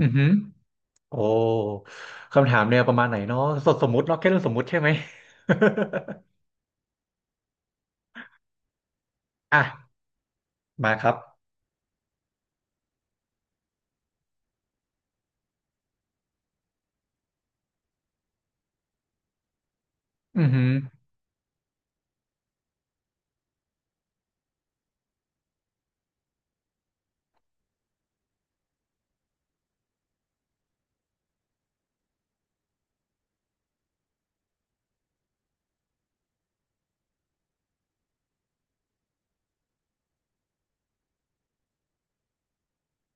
อือหือโอ้คำถามแนวประมาณไหนเนาะสมมุติเนาะแค่เรื่องสมมุติใช่ไหม อ่ะมาครับอือหือ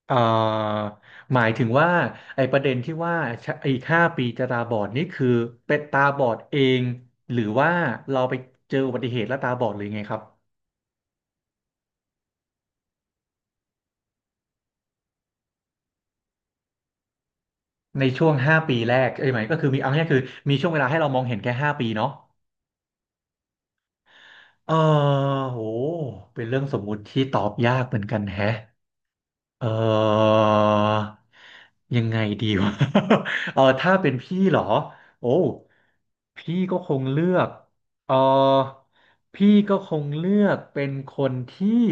เอ่อหมายถึงว่าไอ้ประเด็นที่ว่าไอ้ห้าปีจะตาบอดนี่คือเป็นตาบอดเองหรือว่าเราไปเจออุบัติเหตุแล้วตาบอดหรือไงครับในช่วงห้าปีแรกเอ้ยหมายก็คือมีเอาง่ายๆคือมีช่วงเวลาให้เรามองเห็นแค่ห้าปีเนาะเออโหเป็นเรื่องสมมุติที่ตอบยากเหมือนกันแฮะ เออยังไงดีวะ เออถ้าเป็นพี่เหรอโอ้พี่ก็คงเลือกเออพี่ก็คงเลือกเป็นคนที่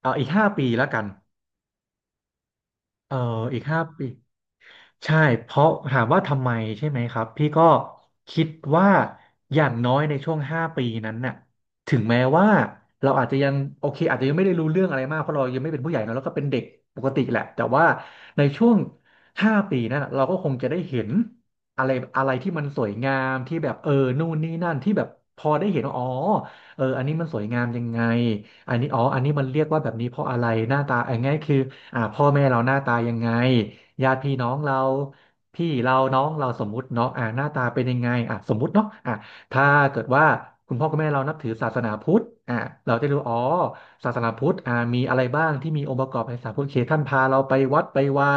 เอออีกห้าปีแล้วกันเอออีกห้าปี ใช่เพราะถามว่าทำไมใช่ไหมครับพี่ก็คิดว่าอย่างน้อยในช่วงห้าปีนั้นน่ะถึงแม้ว่าเราอาจจะยังโอเคอาจจะยังไม่ได้รู้เรื่องอะไรมากเพราะเรายังไม่เป็นผู้ใหญ่เนอะแล้วก็เป็นเด็กปกติแหละแต่ว่าในช่วงห้าปีนั้นน่ะเราก็คงจะได้เห็นอะไรอะไรที่มันสวยงามที่แบบเออนู่นนี่นั่นที่แบบพอได้เห็นว่าอ๋อเอออันนี้มันสวยงามยังไงอันนี้อ๋ออันนี้มันเรียกว่าแบบนี้เพราะอะไรหน้าตาอันนี้คืออ่าพ่อแม่เราหน้าตายังไง ญาติพี่น้องเราพี่เราน้องเราสมมุติเนาะอ่ะหน้าตาเป็นยังไงอ่ะสมมุติเนาะอ่ะถ้าเกิดว่าคุณพ่อคุณแม่เรานับถือศาสนาพุทธอ่ะเราจะรู้อ๋อศาสนาพุทธอ่ะมีอะไรบ้างที่มีองค์ประกอบในศาสนาพุทธโอเคท่านพาเราไปวัดไปวา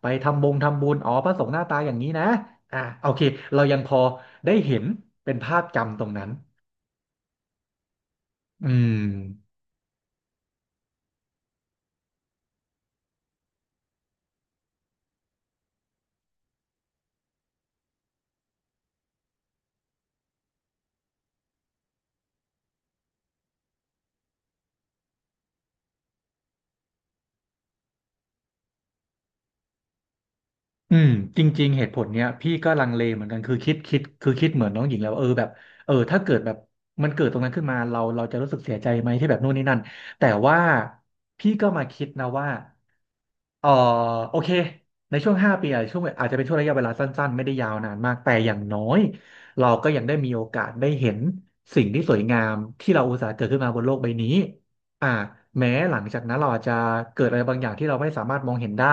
ไปทำบงทำบุญอ๋อพระสงฆ์หน้าตาอย่างนี้นะอ่ะโอเคเรายังพอได้เห็นเป็นภาพจำตรงนั้นอืม อืมจริงๆเหตุผลเนี้ยพี่ก็ลังเลเหมือนกันคือคิดเหมือนน้องหญิงแล้วาเออแบบเออถ้าเกิดแบบมันเกิดตรงนั้นขึ้นมาเราจะรู้สึกเสียใจไหมที่แบบนู่นนี่นั่นแต่ว่าพี่ก็มาคิดนะว่าเออโอเคในช่วงห้าปีอาจจะเป็นช่วงระยะเวลาสั้นๆไม่ได้ยาวนานมากแต่อย่างน้อยเราก็ยังได้มีโอกาสได้เห็นสิ่งที่สวยงามที่เราอุตส่าห์เกิดขึ้นมาบนโลกใบนี้อ่าแม้หลังจากนั้นเราอาจจะเกิดอะไรบางอย่างที่เราไม่สามารถมองเห็นได้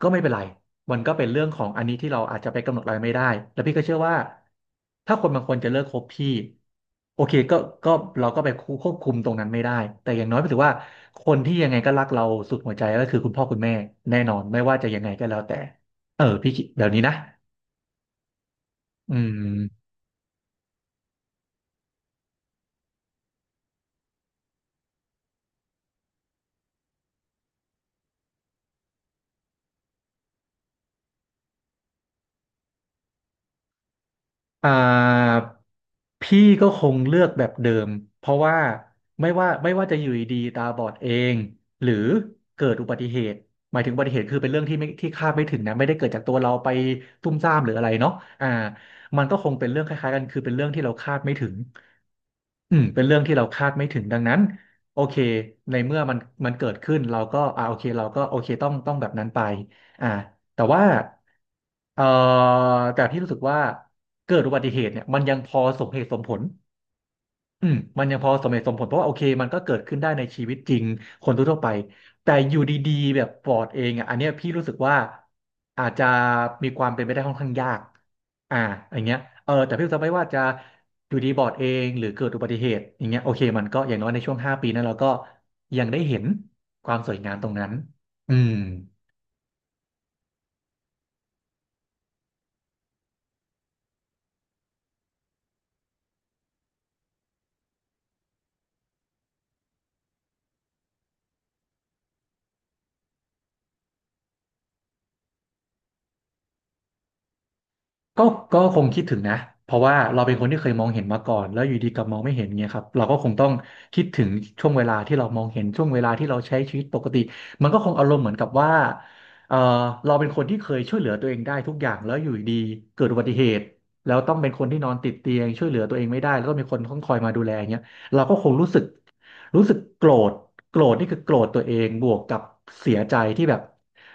ก็ไม่เป็นไรมันก็เป็นเรื่องของอันนี้ที่เราอาจจะไปกำหนดอะไรไม่ได้ แล้วพี่ก็เชื่อว่าถ้าคนบางคนจะเลิกคบพี่โอเคก็ก็เราก็ไปควบคุมตรงนั้นไม่ได้ แต่อย่างน้อยก็ถือว่าคนที่ยังไงก็รักเราสุดหัวใจก็คือคุณพ่อคุณแม่แน่นอนไม่ว่าจะยังไงก็แล้วแต่เออพี่คิดแบบนี้นะอืม อ่าพี่ก็คงเลือกแบบเดิมเพราะว่าไม่ว่าจะอยู่ดีๆตาบอดเองหรือเกิดอุบัติเหตุหมายถึงอุบัติเหตุคือเป็นเรื่องที่ไม่ที่คาดไม่ถึงนะไม่ได้เกิดจากตัวเราไปตุ่มซ่ามหรืออะไรเนาะอ่ามันก็คงเป็นเรื่องคล้ายๆกันคือเป็นเรื่องที่เราคาดไม่ถึงอืมเป็นเรื่องที่เราคาดไม่ถึงดังนั้นโอเคในเมื่อมันเกิดขึ้นเราก็อ่าโอเคเราก็โอเคต้องแบบนั้นไปอ่าแต่ว่า เอ่อแต่พี่รู้สึกว่าเกิดอุบัติเหตุเนี่ยมันยังพอสมเหตุสมผลอืมมันยังพอสมเหตุสมผลเพราะว่าโอเคมันก็เกิดขึ้นได้ในชีวิตจริงคนทั่วๆไปแต่อยู่ดีๆแบบปลอดเองอ่ะอันเนี้ยพี่รู้สึกว่าอาจจะมีความเป็นไปได้ค่อนข้างยากอ่าอย่างเงี้ยเออแต่พี่รู้สึกไม่ว่าจะอยู่ดีบอดเองหรือเกิดอุบัติเหตุอย่างเงี้ยโอเคมันก็อย่างน้อยในช่วงห้าปีนั้นเราก็ยังได้เห็นความสวยงามตรงนั้นอืม ก็ก็คงคิดถึงนะเพราะว่าเราเป็นคนที่เคยมองเห็นมาก่อนแล้วอยู่ดีกลับมองไม่เห็นเงี้ยครับเราก็คงต้องคิดถึงช่วงเวลาที่เรามองเห็นช่วงเวลาที่เราใช้ชีวิตปกติมันก็คงอารมณ์เหมือนกับว่าเออเราเป็นคนที่เคยช่วยเหลือตัวเองได้ทุกอย่างแล้วอยู่ดีเกิดอุบัติเหตุแล้วต้องเป็นคนที่นอนติดเตียงช่วยเหลือตัวเองไม่ได้แล้วก็มีคนต้องคอยมาดูแลเงี้ยเราก็คงรู้สึกโกรธโกรธนี่คือโกรธตัวเองบวกกับเสียใจที่แบบ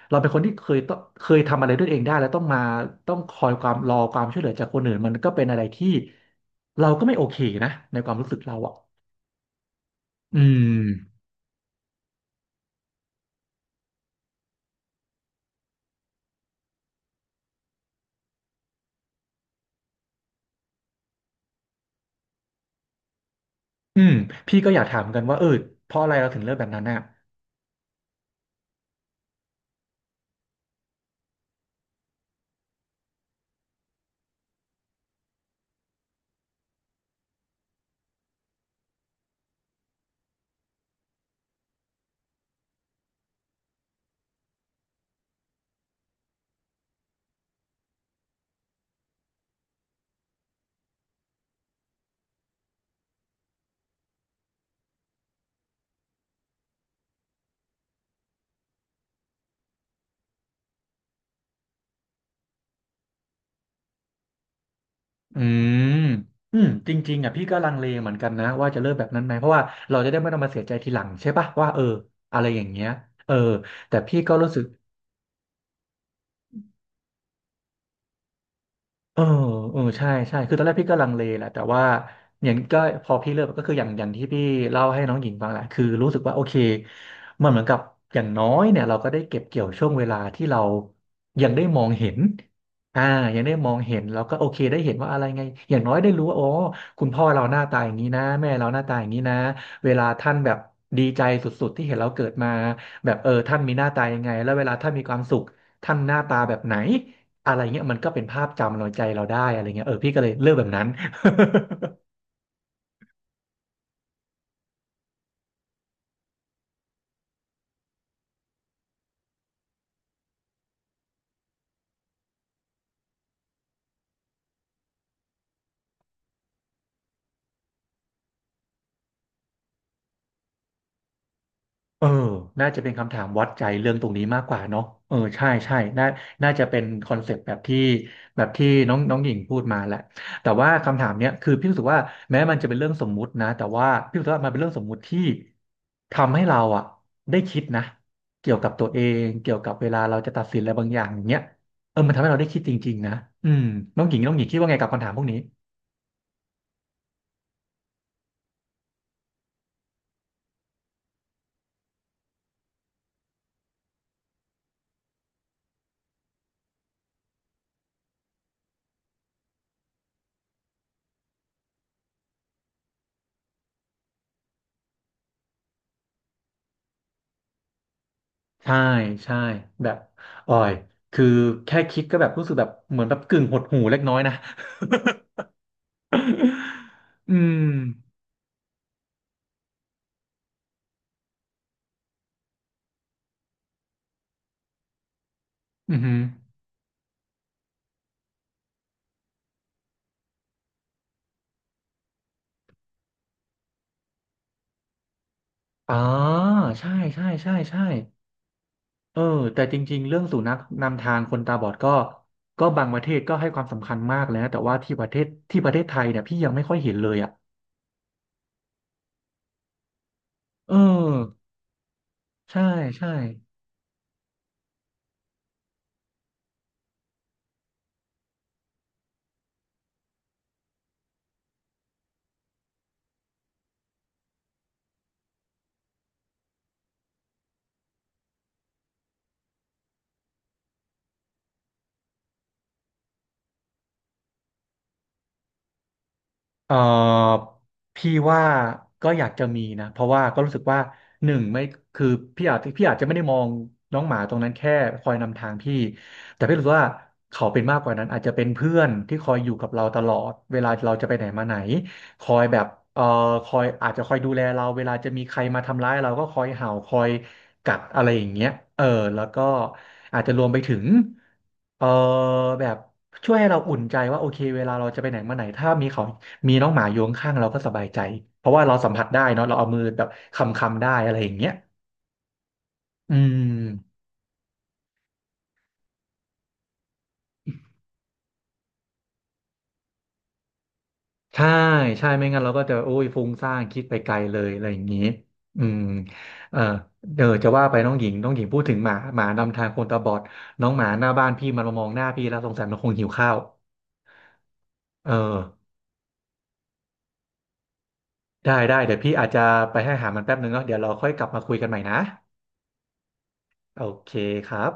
เราเป็นคนที่เคยทำอะไรด้วยเองได้แล้วต้องคอยความรอความช่วยเหลือจากคนอื่นมันก็เป็นอะไรที่เราก็ไม่โอเคนะในความรู้สึกเราอ่ะอืมอืมพี่ก็อยากถามกันว่าเพราะอะไรเราถึงเลือกแบบนั้นน่ะอืมจริงๆอ่ะพี่ก็ลังเลเหมือนกันนะว่าจะเลิกแบบนั้นไหมเพราะว่าเราจะได้ไม่ต้องมาเสียใจทีหลังใช่ปะว่าอะไรอย่างเงี้ยเออแต่พี่ก็รู้สึก เอออใช่ใช่คือตอนแรกพี่ก็ลังเลแหละแต่ว่าอย่างก็พอพี่เลิกก็คืออย่างที่พี่เล่าให้น้องหญิงฟังแหละคือรู้สึกว่าโอเคมันเหมือนกับอย่างน้อยเนี่ยเราก็ได้เก็บเกี่ยวช่วงเวลาที่เรายังได้มองเห็นอ่ายังได้มองเห็นเราก็โอเคได้เห็นว่าอะไรไงอย่างน้อยได้รู้ว่าคุณพ่อเราหน้าตาอย่างนี้นะแม่เราหน้าตาอย่างนี้นะเวลาท่านแบบดีใจสุดๆที่เห็นเราเกิดมาแบบท่านมีหน้าตายังไงแล้วเวลาท่านมีความสุขท่านหน้าตาแบบไหน อะไรเงี้ยมันก็เป็นภาพจำเราใจเราได้อะไรเงี้ยพี่ก็เลยเลือกแบบนั้น เออน่าจะเป็นคำถามวัดใจเรื่องตรงนี้มากกว่าเนาะเออใช่ใช่น่าจะเป็นคอนเซปต์แบบที่แบบที่น้องน้องหญิงพูดมาแหละแต่ว่าคำถามเนี้ยคือพี่รู้สึกว่าแม้มันจะเป็นเรื่องสมมุตินะแต่ว่าพี่รู้สึกว่ามันเป็นเรื่องสมมุติที่ทำให้เราอะได้คิดนะเกี่ยวกับตัวเองเกี่ยวกับเวลาเราจะตัดสินอะไรบางอย่างอย่างเงี้ยมันทำให้เราได้คิดจริงๆนะอืมน้องหญิงคิดว่าไงกับคำถามพวกนี้ ใช่ใช่แบบอ่อยคือแค่คิดก็แบบรู้สึกแบบเหมือนแบบกึ่งหดหู่เล็กน้อยนะ อืมอือหืออ๋อใช่ใช่ใช่ใช่เออแต่จริงๆเรื่องสุนัขนำทางคนตาบอดก็บางประเทศก็ให้ความสำคัญมากเลยนะแต่ว่าที่ประเทศไทยเนี่ยพี่ยังไม่ค่อยเห็นเลยอ่ะเออใช่ใช่ เอ่อพี่ว่าก็อยากจะมีนะเพราะว่าก็รู้สึกว่าหนึ่งไม่คือพี่อาจจะไม่ได้มองน้องหมาตรงนั้นแค่คอยนำทางพี่แต่พี่รู้สึกว่าเขาเป็นมากกว่านั้นอาจจะเป็นเพื่อนที่คอยอยู่กับเราตลอดเวลาเราจะไปไหนมาไหนคอยแบบเอ่อคอยดูแลเราเวลาจะมีใครมาทำร้ายเราก็คอยเห่าคอยกัดอะไรอย่างเงี้ยเออแล้วก็อาจจะรวมไปถึงเออแบบช่วยให้เราอุ่นใจว่าโอเคเวลาเราจะไปไหนมาไหนถ้ามีเขา มีน้องหมาอยู่ข้างๆเราก็สบายใจเพราะว่าเราสัมผัสได้เนาะเราเอามือแบบคำได้อะไรอย่างเงี้ยอืมใช่ใช่ไม่งั้นเราก็จะโอ้ยฟุ้งซ่านคิดไปไกลเลยอะไรอย่างงี้อืมเออเดี๋ยวจะว่าไปน้องหญิงน้องหญิงพูดถึงหมานำทางคนตาบอดน้องหมาหน้าบ้านพี่มันมามองหน้าพี่แล้วสงสัยมันคงหิวข้าวเออได้ได้เดี๋ยวพี่อาจจะไปให้อาหารมันแป๊บนึงเนาะเดี๋ยวเราค่อยกลับมาคุยกันใหม่นะโอเคครับ